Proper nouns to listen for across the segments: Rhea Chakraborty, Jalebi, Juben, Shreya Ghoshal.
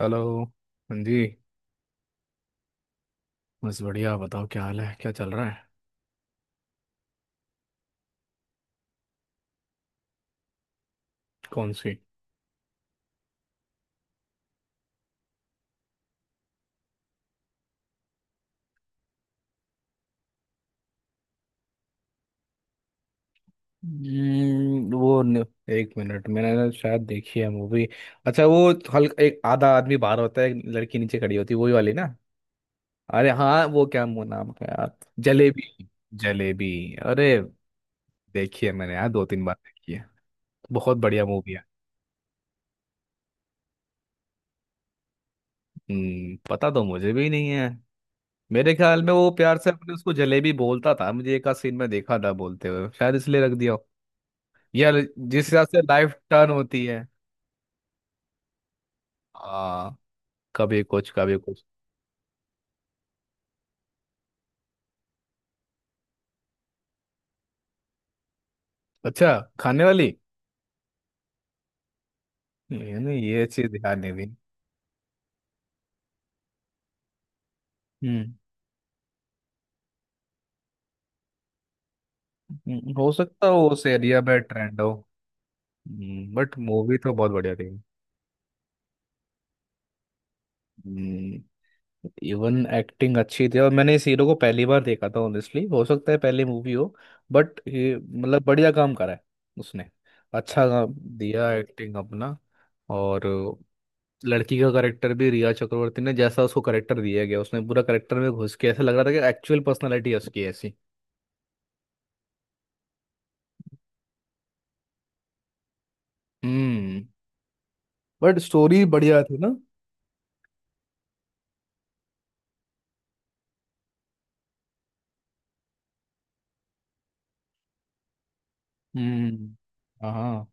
Hello. हाँ जी. बस बढ़िया, बताओ क्या हाल है, क्या चल रहा है. कौन सी. वो न- एक मिनट, मैंने ना शायद देखी है मूवी. अच्छा, वो हल्का एक आधा आदमी बाहर होता है, एक लड़की नीचे खड़ी होती है, वही वाली ना. अरे हाँ, वो क्या नाम है यार. जलेबी. जलेबी. अरे. देखी है मैंने यार, दो तीन बार देखी है. बहुत बढ़िया मूवी है. हम्म, पता तो मुझे भी नहीं है. मेरे ख्याल में वो प्यार से अपने उसको जलेबी बोलता था, मुझे एक आध सीन में देखा था बोलते हुए, शायद इसलिए रख दिया. यार, जिस हिसाब से लाइफ टर्न होती है. हाँ. कभी कुछ कभी कुछ. अच्छा, खाने वाली. ये नहीं, ये चीज ध्यान नहीं दी. हम्म. हो सकता हो उस एरिया में ट्रेंड हो. बट मूवी तो बहुत बढ़िया थी. हम्म. इवन एक्टिंग अच्छी थी, और मैंने इस हीरो को पहली बार देखा था ऑनेस्टली, हो सकता है पहली मूवी हो. बट ये मतलब बढ़िया काम करा है उसने. अच्छा काम दिया एक्टिंग अपना. और लड़की का करेक्टर भी, रिया चक्रवर्ती ने जैसा उसको करेक्टर दिया गया, उसने पूरा करेक्टर में घुस के, ऐसा लग रहा था कि एक्चुअल पर्सनालिटी है उसकी ऐसी. हम्म. बट स्टोरी बढ़िया थी ना. हम्म. हाँ.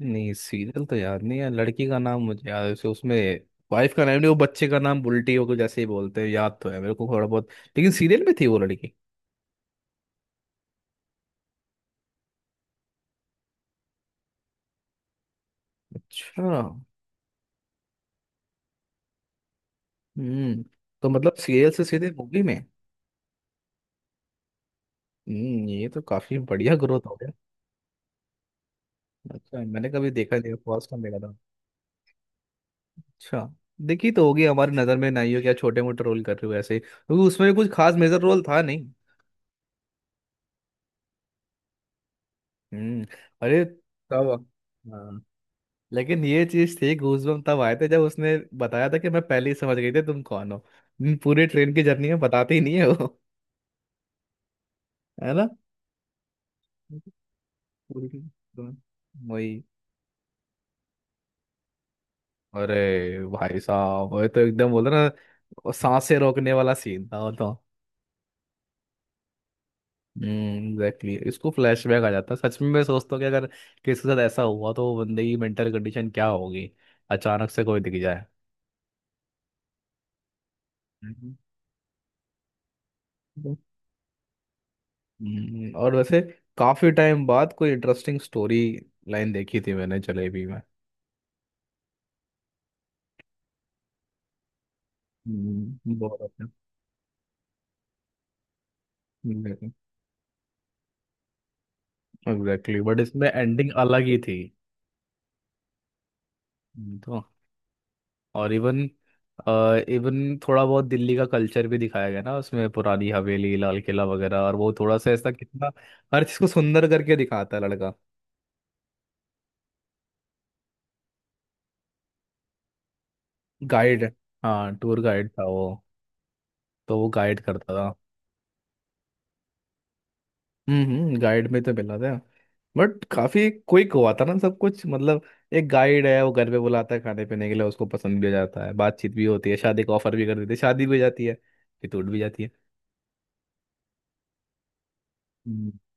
नहीं, सीरियल तो याद नहीं है, लड़की का नाम मुझे याद है उसमें वाइफ का नाम नहीं, वो बच्चे का नाम बुल्टी होकर जैसे ही बोलते हैं, याद तो है मेरे को थोड़ा बहुत. लेकिन सीरियल में थी वो लड़की. अच्छा. हम्म. तो मतलब सीरियल से सीधे मूवी में. हम्म, ये तो काफी बढ़िया ग्रोथ हो गया. अच्छा, मैंने कभी देखा नहीं, फर्स्ट टाइम देखा. अच्छा. देखी तो होगी, हमारी नजर में नहीं, हो क्या छोटे मोटे रोल कर रहे हो ऐसे, क्योंकि उसमें भी कुछ खास मेजर रोल था नहीं. हम्म. अरे. तब. हाँ. लेकिन ये चीज थी, गूजबम्प तब आए थे जब उसने बताया था कि मैं पहले ही समझ गई थी तुम कौन हो. पूरे ट्रेन की जर्नी में बताते ही नहीं है वो. है ना. पूरी की- तुम्हें- वही. अरे भाई साहब, वो तो एकदम बोला ना. वो सांसें रोकने वाला सीन था वो तो. एग्जैक्टली, इसको फ्लैशबैक आ जाता है. सच में मैं सोचता हूँ कि अगर किसी के साथ ऐसा हुआ तो वो बंदे की मेंटल कंडीशन क्या होगी. अचानक से कोई दिख जाए. हम्म. और वैसे काफी टाइम बाद कोई इंटरेस्टिंग स्टोरी लाइन देखी थी मैंने जलेबी में. बहुत अच्छा. हम्म, एग्जैक्टली, बट इसमें एंडिंग अलग ही थी. हम्म. तो और इवन इवन थोड़ा बहुत दिल्ली का कल्चर भी दिखाया गया ना उसमें, पुरानी हवेली, लाल किला वगैरह, और वो थोड़ा सा ऐसा कितना हर चीज को सुंदर करके दिखाता है लड़का. गाइड. हाँ, टूर गाइड था वो. तो वो गाइड करता था. हम्म. हम्म, गाइड में तो मिला था. बट काफी क्विक हुआ था ना सब कुछ, मतलब एक गाइड है, वो घर पे बुलाता है खाने पीने के लिए, उसको पसंद भी हो जाता है, बातचीत भी होती है, शादी का ऑफर भी कर देते हैं, शादी भी हो जाती है, फिर टूट भी जाती है.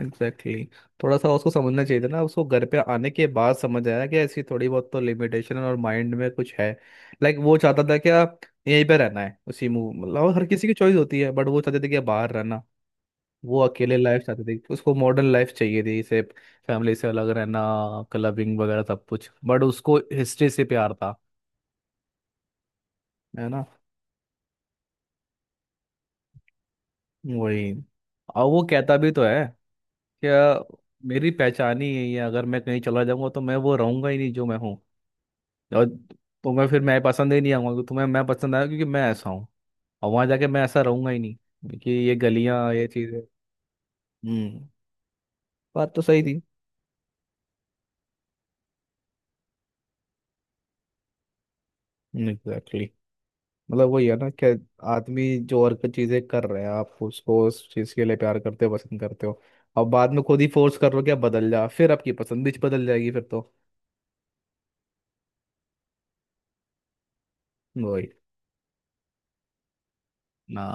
एग्जैक्टली, थोड़ा सा उसको समझना चाहिए था ना, उसको घर पे आने के बाद समझ आया कि ऐसी थोड़ी बहुत तो लिमिटेशन और माइंड में कुछ है. लाइक वो चाहता था कि आप यहीं पे रहना है, उसी मूव, मतलब हर किसी की चॉइस होती है, बट वो चाहते थे कि बाहर रहना. वो अकेले लाइफ चाहते थे, उसको मॉडर्न लाइफ चाहिए थी इसे. फैमिली से अलग रहना, क्लबिंग वगैरह सब कुछ, बट उसको हिस्ट्री से प्यार था. है ना. वही. और वो कहता भी तो है क्या, मेरी पहचान ही यही है, अगर मैं कहीं चला जाऊंगा तो मैं वो रहूंगा ही नहीं जो मैं हूँ. और तुम्हें फिर मैं पसंद ही नहीं आऊंगा, क्योंकि तुम्हें मैं पसंद आया क्योंकि मैं ऐसा हूँ, और वहां जाके मैं ऐसा रहूंगा ही नहीं, क्योंकि ये गलियां, ये चीजें. हम्म. बात तो सही थी. एग्जैक्टली, मतलब वही है ना कि आदमी जो और कुछ चीजें कर रहे हैं, आप उसको उस चीज के लिए प्यार करते हो, पसंद करते हो, और बाद में खुद ही फोर्स कर रहे हो कि आप बदल जा, फिर आपकी पसंद भी बदल जाएगी फिर तो. वही ना.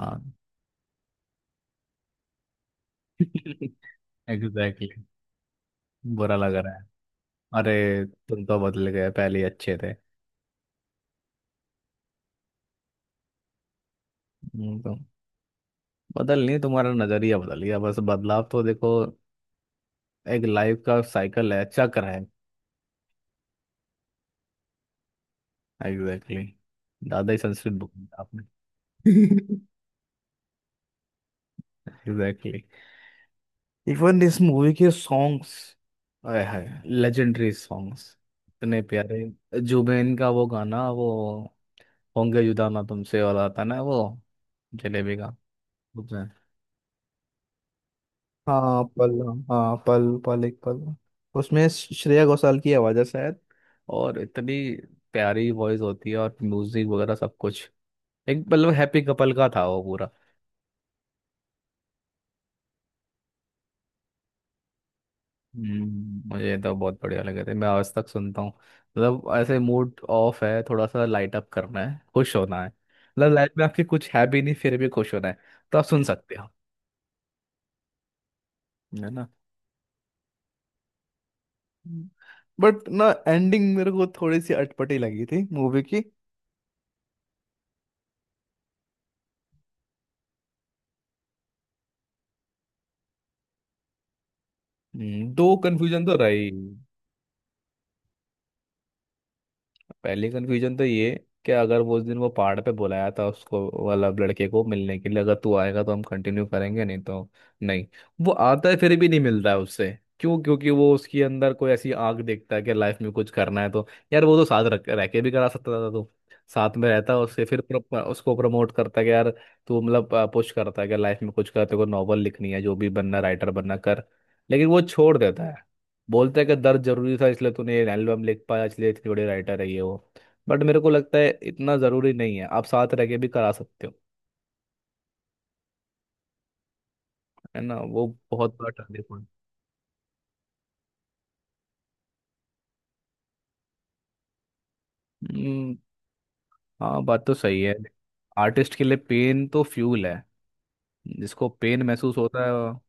एग्जैक्टली, बुरा लग रहा है. अरे तुम तो बदल गए, पहले ही अच्छे थे. तो बदल नहीं, तुम्हारा नजरिया बदल गया बस, बदलाव तो देखो. एक लाइफ का साइकिल है, चक्र है. एग्जैक्टली, दादा ही संस्कृत बुक में था आपने. एग्जैक्टली. इवन इस मूवी के सॉन्ग्स, आय हाय, लेजेंडरी सॉन्ग्स. इतने प्यारे. जुबेन का वो गाना वो, होंगे जुदा ना तुमसे वाला, आता ना वो, जलेबी का. हाँ पल. हाँ, पल पल, एक पल. उसमें श्रेया घोषाल की आवाज़ है शायद. और इतनी प्यारी वॉइस होती है, और म्यूजिक वगैरह सब कुछ. एक मतलब हैप्पी कपल का था वो पूरा. मुझे तो बहुत बढ़िया लगे थे, मैं आज तक सुनता हूँ. मतलब ऐसे मूड ऑफ है, थोड़ा सा लाइट अप करना है, खुश होना है, मतलब लाइफ में आपकी कुछ है भी नहीं फिर भी खुश होना है, तो आप सुन सकते हो. है ना. बट ना, एंडिंग मेरे को थोड़ी सी अटपटी लगी थी मूवी की. दो कंफ्यूजन तो रही. पहली कन्फ्यूजन तो ये, कि अगर वो उस दिन वो पहाड़ पे बुलाया था उसको वाला, लड़के को मिलने के लिए, अगर तू आएगा तो हम कंटिन्यू करेंगे नहीं तो नहीं. वो आता है फिर भी नहीं मिल रहा है उससे. क्यों. क्योंकि वो उसके अंदर कोई ऐसी आग देखता है कि लाइफ में कुछ करना है, तो यार वो तो साथ रख रह के भी करा सकता था तो, साथ में रहता है उससे फिर, उसको प्रमोट करता है कि यार तू, मतलब पुश करता है कि लाइफ में कुछ कर, तेरे को नॉवल लिखनी है, जो भी बनना, राइटर बनना, कर. लेकिन वो छोड़ देता है. बोलते हैं कि दर्द जरूरी था इसलिए तूने ये एल्बम लिख पाया, इसलिए इतनी बड़ी राइटर है ये वो. बट मेरे को लगता है इतना जरूरी नहीं है, आप साथ रह के भी करा सकते हो. है ना, वो बहुत बड़ा टर्निंग पॉइंट. हम्म. हाँ, बात तो सही है. आर्टिस्ट के लिए पेन तो फ्यूल है. जिसको पेन महसूस होता है वो-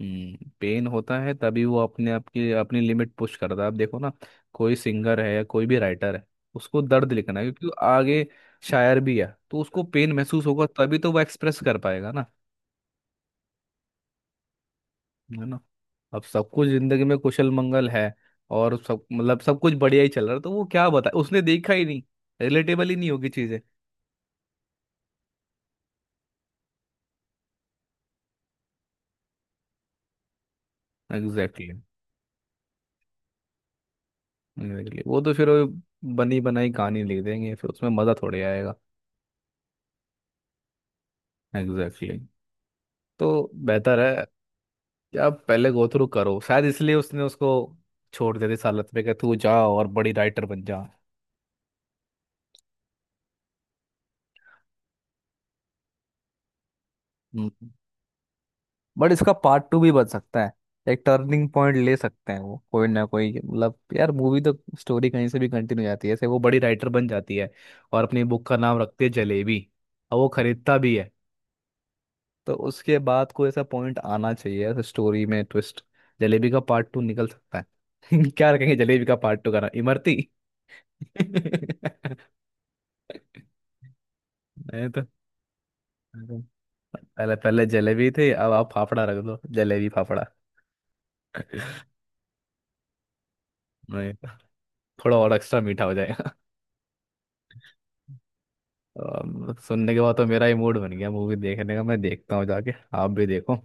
हम्म, पेन होता है तभी वो अपने आप की अपनी लिमिट पुश करता है. आप देखो ना, कोई सिंगर है या कोई भी राइटर है, उसको दर्द लिखना है क्योंकि वो आगे शायर भी है, तो उसको पेन महसूस होगा तभी तो वो एक्सप्रेस कर पाएगा ना. है ना. अब सब कुछ जिंदगी में कुशल मंगल है, और सब मतलब सब कुछ बढ़िया ही चल रहा है, तो वो क्या बताए, उसने देखा ही नहीं. रिलेटेबल ही नहीं होगी चीजें. Exactly, exactly. वो तो फिर वो बनी बनाई कहानी लिख देंगे, फिर उसमें मजा थोड़ी आएगा. एग्जैक्टली, तो बेहतर है कि आप पहले गो थ्रू करो, शायद इसलिए उसने उसको छोड़ दे दी इस हालत में कि तू जा और बड़ी राइटर बन जा. बट इसका पार्ट टू भी बन सकता है. एक टर्निंग पॉइंट ले सकते हैं वो, कोई ना कोई, मतलब यार मूवी तो, स्टोरी कहीं से भी कंटिन्यू हो जाती है. ऐसे वो बड़ी राइटर बन जाती है और अपनी बुक का नाम रखती है जलेबी, और वो खरीदता भी है. तो उसके बाद कोई ऐसा पॉइंट आना चाहिए, ऐसे स्टोरी में ट्विस्ट. जलेबी का पार्ट टू निकल सकता है. क्या रखेंगे जलेबी का पार्ट टू का नाम, इमरती. नहीं, तो पहले पहले जलेबी थी, अब आप फाफड़ा रख दो, जलेबी फाफड़ा. नहीं, थोड़ा और एक्स्ट्रा मीठा हो जाएगा. सुनने के बाद तो मेरा ही मूड बन गया मूवी देखने का, मैं देखता हूँ जाके. आप भी देखो.